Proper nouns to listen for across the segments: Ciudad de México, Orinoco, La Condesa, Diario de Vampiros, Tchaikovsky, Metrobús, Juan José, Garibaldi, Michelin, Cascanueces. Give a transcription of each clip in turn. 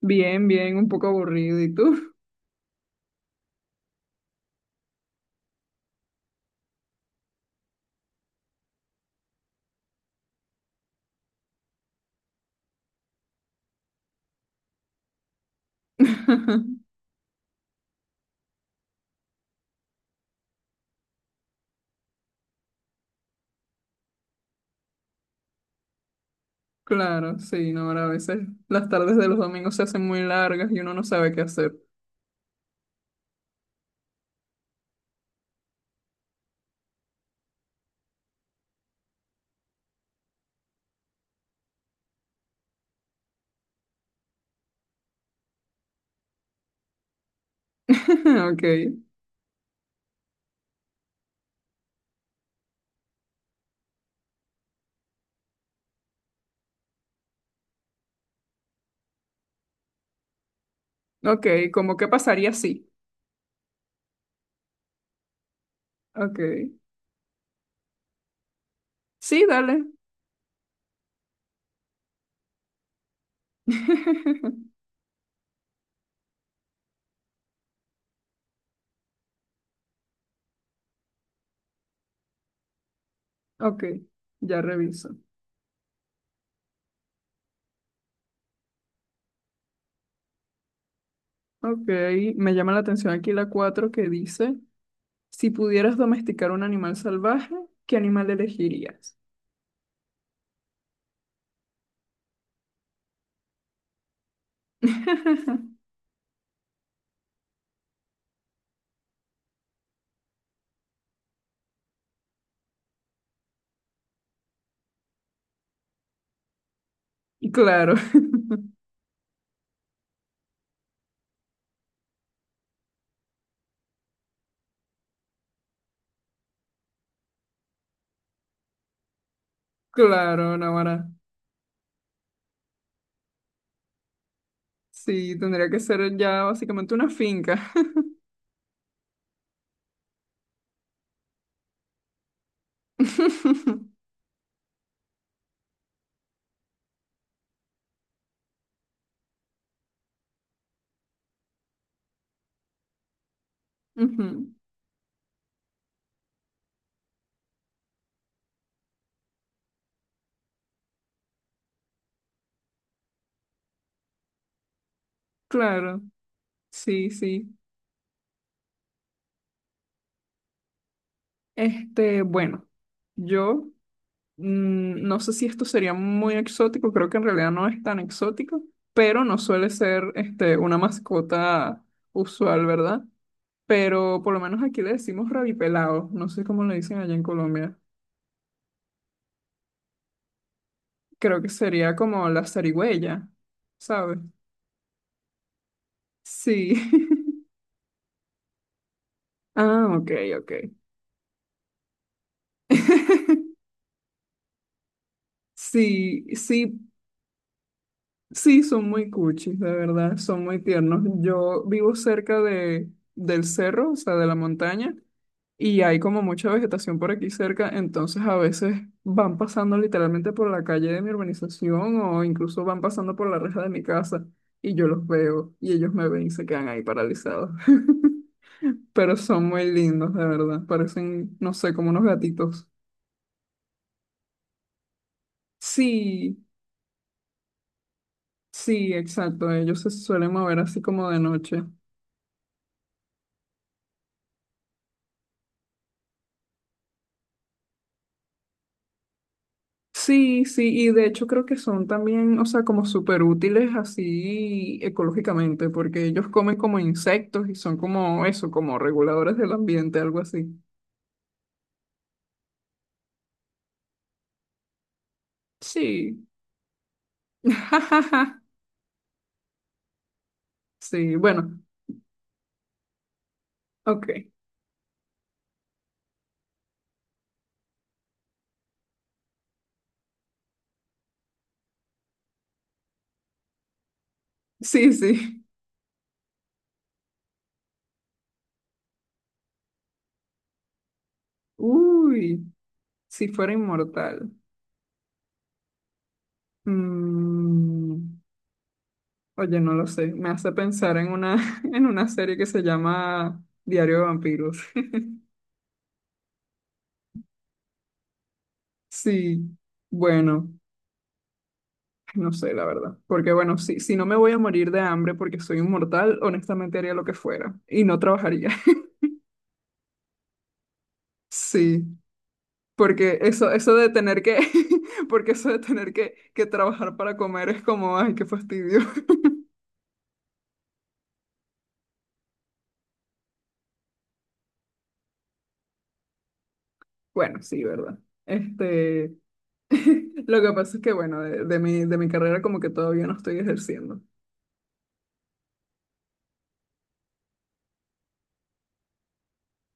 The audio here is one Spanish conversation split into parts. Bien, bien, un poco aburrido. ¿Y tú? Claro, sí, no, ahora a veces las tardes de los domingos se hacen muy largas y uno no sabe qué hacer. Ok, ok, ¿cómo qué pasaría si? Ok, sí, dale. Ok, ya reviso. Ok, me llama la atención aquí la 4 que dice, si pudieras domesticar un animal salvaje, ¿qué animal elegirías? Y claro, claro, Navarra. Sí, tendría que ser ya básicamente una finca. Ujú, claro, sí, sí. Este, bueno, yo no sé si esto sería muy exótico, creo que en realidad no es tan exótico, pero no suele ser este, una mascota usual, ¿verdad? Pero por lo menos aquí le decimos rabipelado, no sé cómo le dicen allá en Colombia. Creo que sería como la zarigüeya, ¿sabes? Sí. Ah, ok, ok. Sí, sí, sí, son muy cuchis, de verdad, son muy tiernos. Yo vivo cerca del cerro, o sea, de la montaña, y hay como mucha vegetación por aquí cerca, entonces a veces van pasando literalmente por la calle de mi urbanización o incluso van pasando por la reja de mi casa y yo los veo y ellos me ven y se quedan ahí paralizados. Pero son muy lindos, de verdad, parecen, no sé, como unos gatitos. Sí, sí, exacto, ellos se suelen mover así como de noche. Sí, sí, y de hecho creo que son también, o sea, como súper útiles así ecológicamente, porque ellos comen como insectos y son como eso, como reguladores del ambiente, algo así. Sí. Sí, bueno, ok. Sí, sí. Uy, si fuera inmortal. Mm, oye, no lo sé. Me hace pensar en una, en una serie que se llama Diario de Vampiros. Sí, bueno. No sé, la verdad. Porque bueno, si no me voy a morir de hambre porque soy inmortal, honestamente haría lo que fuera y no trabajaría. Sí, porque eso de tener que, porque eso de tener que trabajar para comer es como, ay, qué fastidio. Bueno, sí, ¿verdad? Este, lo que pasa es que bueno, de mi carrera como que todavía no estoy ejerciendo.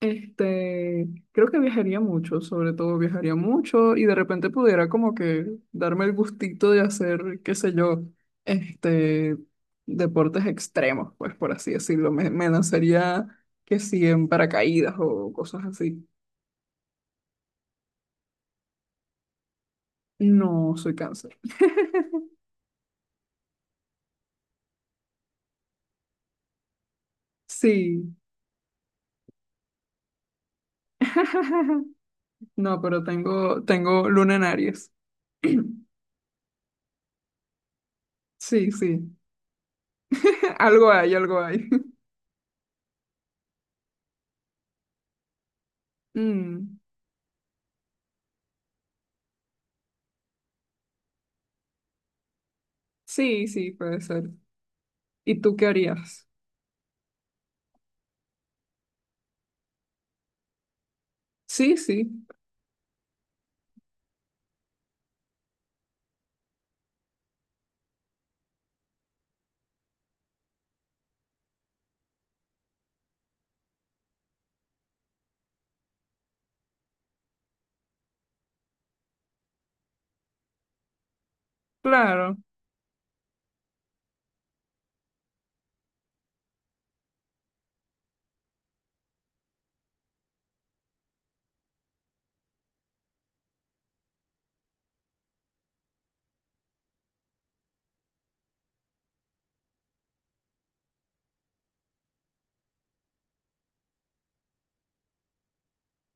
Este, creo que viajaría mucho, sobre todo viajaría mucho y de repente pudiera como que darme el gustito de hacer, qué sé yo, este, deportes extremos, pues por así decirlo. Me lanzaría que si en paracaídas o cosas así. No, soy cáncer. Sí. No, pero tengo luna en Aries. Sí, sí. Algo hay, algo hay. Mm, sí, sí, puede ser. ¿Y tú qué harías? Sí, sí, claro.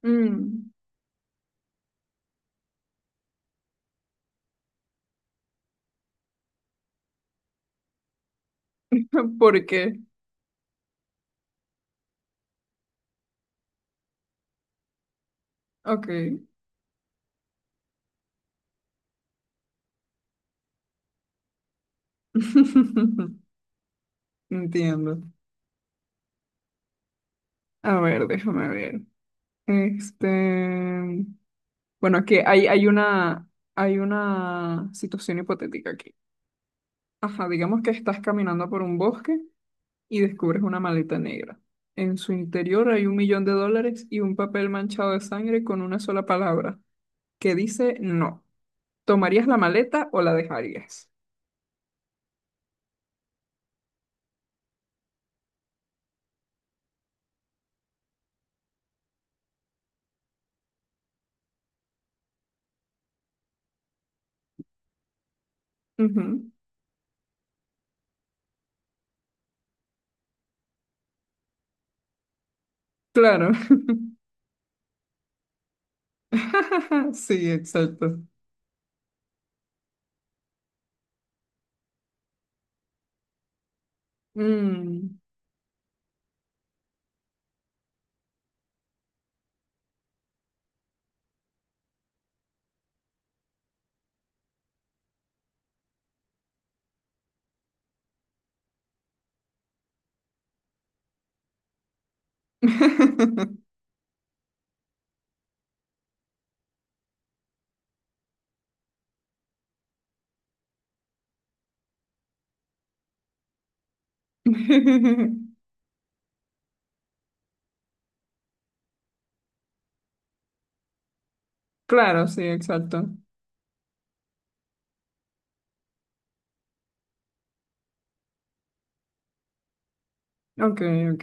Mm, ¿por qué? Ok. Entiendo. A ver, déjame ver. Este, bueno, que hay una situación hipotética aquí. Ajá, digamos que estás caminando por un bosque y descubres una maleta negra. En su interior hay 1 millón de dólares y un papel manchado de sangre con una sola palabra que dice no. ¿Tomarías la maleta o la dejarías? Ujú, claro. Sí, exacto. Mm. Claro, sí, exacto. Ok, ok.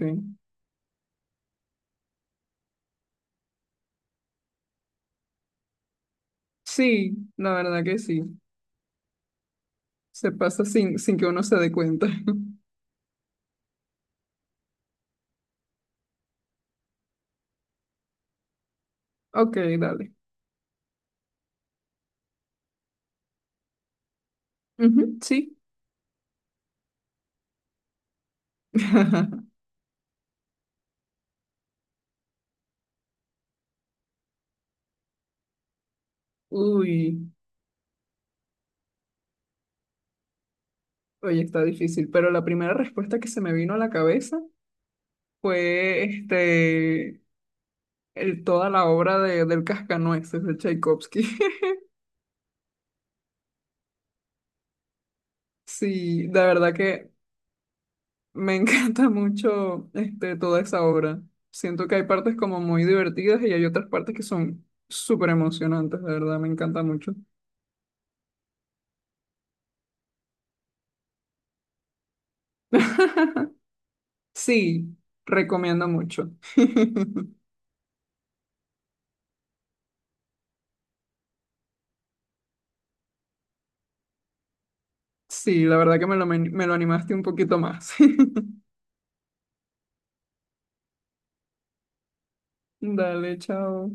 Sí, la verdad que sí. Se pasa sin que uno se dé cuenta. Ok, dale. Ujú, sí. Uy, oye, está difícil, pero la primera respuesta que se me vino a la cabeza fue este, toda la obra del Cascanueces de Tchaikovsky. Sí, de verdad que Me encanta mucho este, toda esa obra. Siento que hay partes como muy divertidas y hay otras partes que son súper emocionantes, de verdad, me encanta mucho. Sí, recomiendo mucho. Sí, la verdad que me lo animaste un poquito más. Dale, chao.